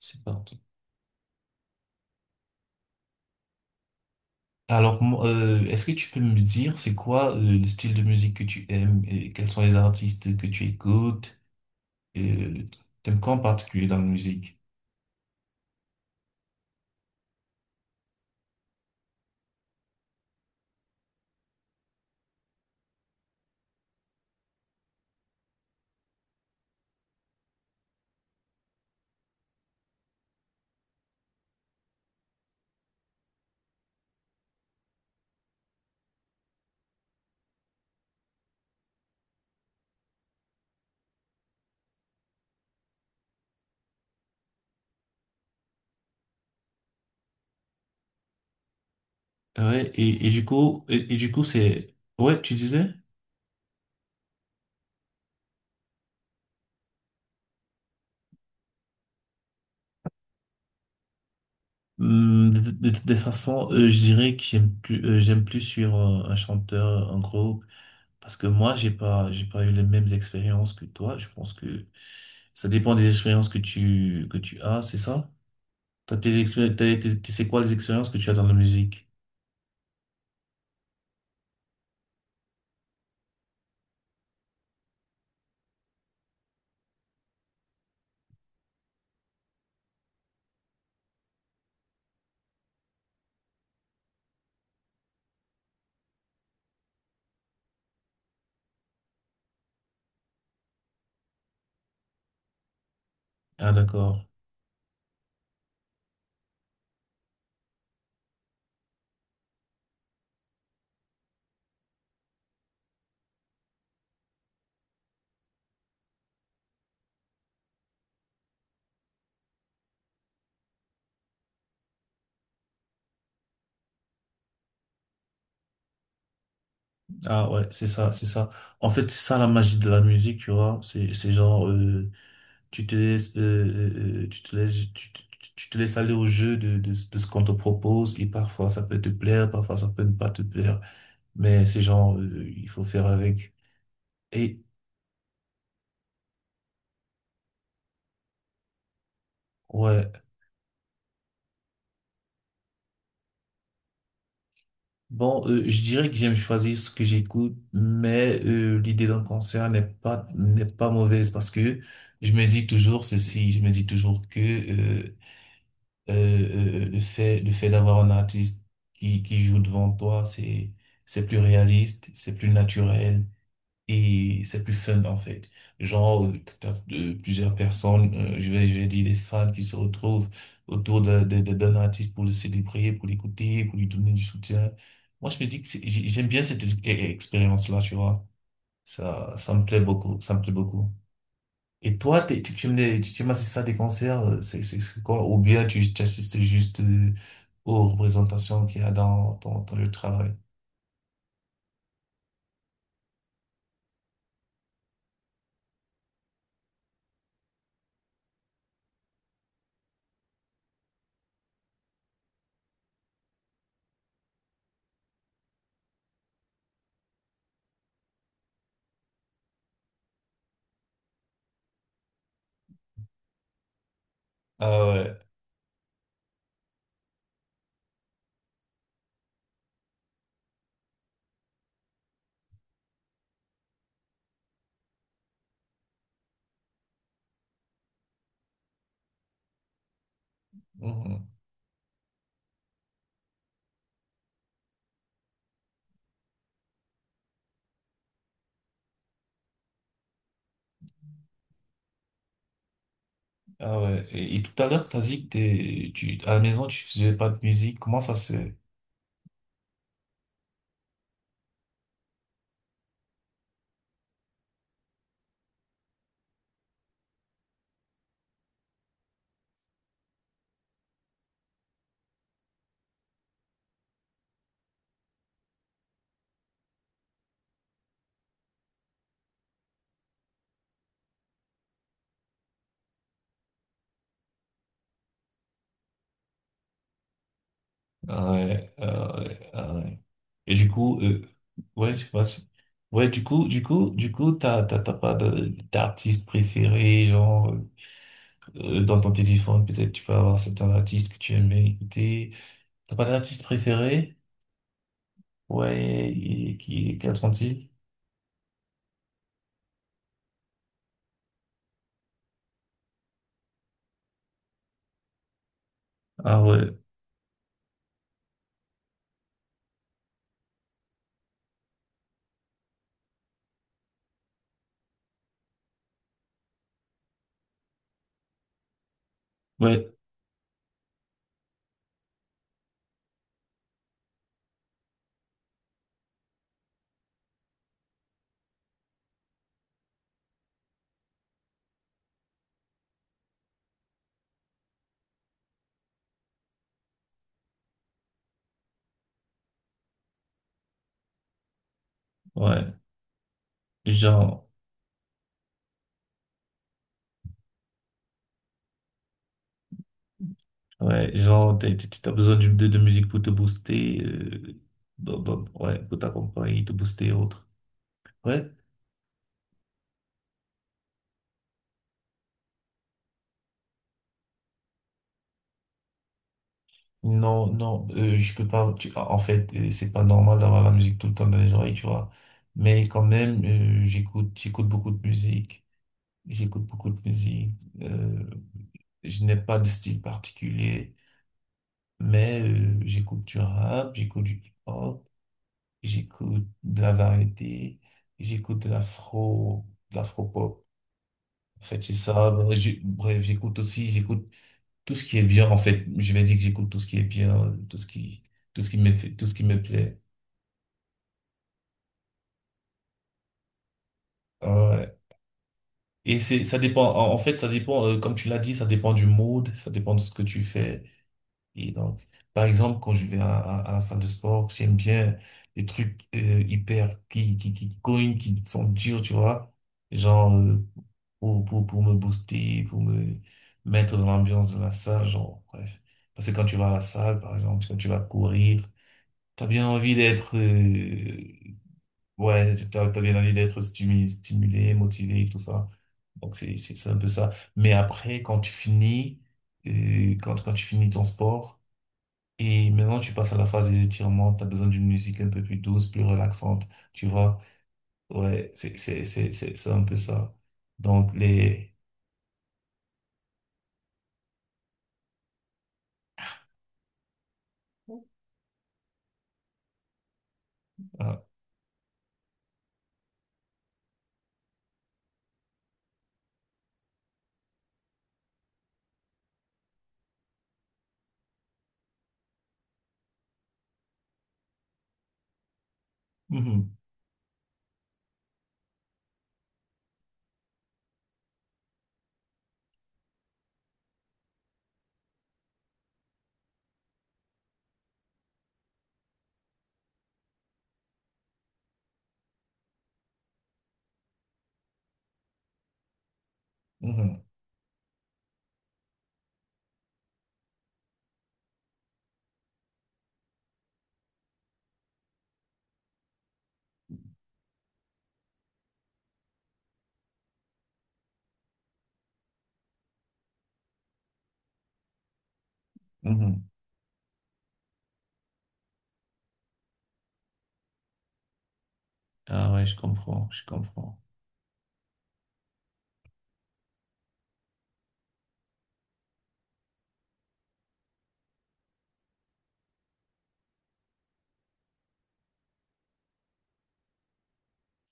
C'est parti. Alors, est-ce que tu peux me dire c'est quoi le style de musique que tu aimes et quels sont les artistes que tu écoutes? Euh, T'aimes quoi en particulier dans la musique? Ouais, et, et du coup, c'est, ouais, tu disais, Des façons, je dirais que j'aime plus sur un chanteur, un groupe, parce que moi, j'ai pas eu les mêmes expériences que toi. Je pense que ça dépend des expériences que tu as, c'est ça? T'as tes expé- t'as- t'es- t'es- C'est quoi les expériences que tu as dans la musique? Ah, d'accord. Ah, ouais, c'est ça, c'est ça. En fait, c'est ça la magie de la musique, tu vois. C'est genre, tu te laisses, tu te laisses, tu te laisses aller au jeu de ce qu'on te propose et parfois ça peut te plaire, parfois ça peut ne pas te plaire. Mais c'est genre, il faut faire avec. Et, ouais. Bon, je dirais que j'aime choisir ce que j'écoute, mais l'idée d'un concert n'est pas mauvaise parce que je me dis toujours ceci, je me dis toujours que le fait d'avoir un artiste qui joue devant toi, c'est plus réaliste, c'est plus naturel. Et c'est plus fun en fait. Genre, t'as, plusieurs personnes, je vais dire des fans qui se retrouvent autour d'un artiste pour le célébrer, pour l'écouter, pour lui donner du soutien. Moi, je me dis que j'aime bien cette expérience-là, tu vois. Ça me plaît beaucoup, ça me plaît beaucoup. Et toi, tu aimes les, tu aimes assister à des concerts, c'est quoi? Ou bien tu assistes juste aux représentations qu'il y a dans ton lieu de travail? Ah ouais. Ah ouais. Et tout à l'heure, t'as dit que à la maison, tu faisais pas de musique. Comment ça se fait? Ah ouais, ah ouais, ah ouais. Et du coup, ouais, je sais pas si- Ouais, du coup, t'as pas d'artiste préféré, genre, dans ton téléphone, peut-être tu peux avoir certains artistes que tu aimes bien écouter. T'as pas d'artiste préféré? Ouais, et quels sont-ils? Ah ouais, ouais, ouais. Genre, Ouais, genre, t'as besoin de musique pour te booster, ouais, pour t'accompagner, te booster et autres. Ouais. Non, non, je peux pas, tu- en fait, c'est pas normal d'avoir la musique tout le temps dans les oreilles, tu vois. Mais quand même, j'écoute beaucoup de musique. J'écoute beaucoup de musique. Je n'ai pas de style particulier, mais j'écoute du rap, j'écoute du hip-hop, j'écoute de la variété, j'écoute de l'afro, de l'afro-pop. En fait, c'est ça. Bref, j'écoute aussi, j'écoute tout ce qui est bien. En fait, je vais dire que j'écoute tout ce qui est bien, tout ce qui me plaît. Ouais. Et c'est, ça dépend. En fait, ça dépend, comme tu l'as dit, ça dépend du mood, ça dépend de ce que tu fais. Et donc, par exemple, quand je vais à la salle de sport, j'aime bien les trucs hyper qui cognent, qui sont durs, tu vois. Genre, pour me booster, pour me mettre dans l'ambiance de la salle, genre, bref. Parce que quand tu vas à la salle, par exemple, quand tu vas courir, t'as bien envie d'être, ouais, t'as bien envie d'être stimulé, motivé, tout ça. Donc, c'est un peu ça. Mais après, quand tu finis, quand tu finis ton sport, et maintenant, tu passes à la phase des étirements. Tu as besoin d'une musique un peu plus douce, plus relaxante. Tu vois? Ouais, c'est un peu ça. Donc, les. Ah, mhm, mhm, mhm. Ah ouais, je comprends, je comprends.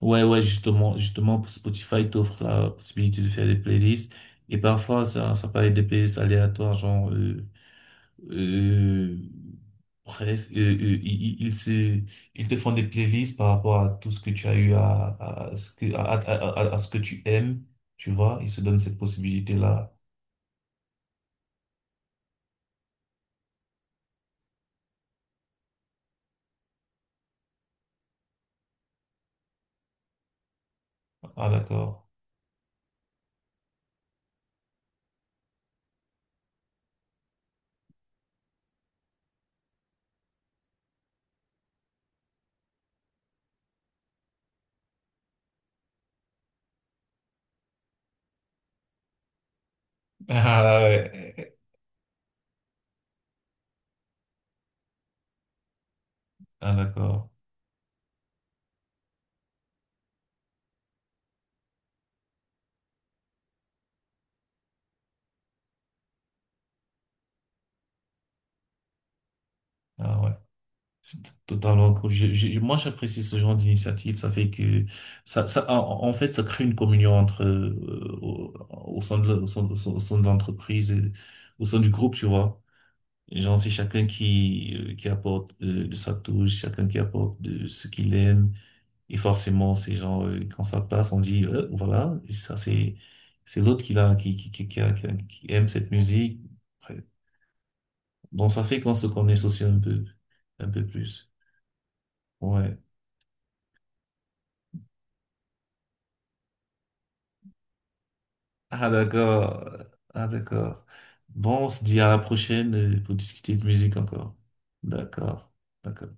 Ouais, ouais, justement, justement, Spotify t'offre la possibilité de faire des playlists. Et parfois, ça peut être des playlists aléatoires, genre, euh, bref, ils se, ils te font des playlists par rapport à tout ce que tu as eu à ce que tu aimes, tu vois, ils se donnent cette possibilité-là. Ah, d'accord. Ah ouais. Ah, d'accord. Ah, ouais. C'est totalement cool. Moi, j'apprécie ce genre d'initiative. Ça fait que ça, en fait, ça crée une communion entre au, au sein de l'entreprise, et au sein du groupe, tu vois. Genre, c'est chacun qui apporte de sa touche, chacun qui apporte de ce qu'il aime. Et forcément, ces gens quand ça passe, on dit voilà, ça c'est l'autre qui aime cette musique. Après, Bon, ça fait qu'on se connaît aussi un peu plus. Ouais. Ah d'accord. Ah d'accord. Bon, on se dit à la prochaine pour discuter de musique encore. D'accord. D'accord.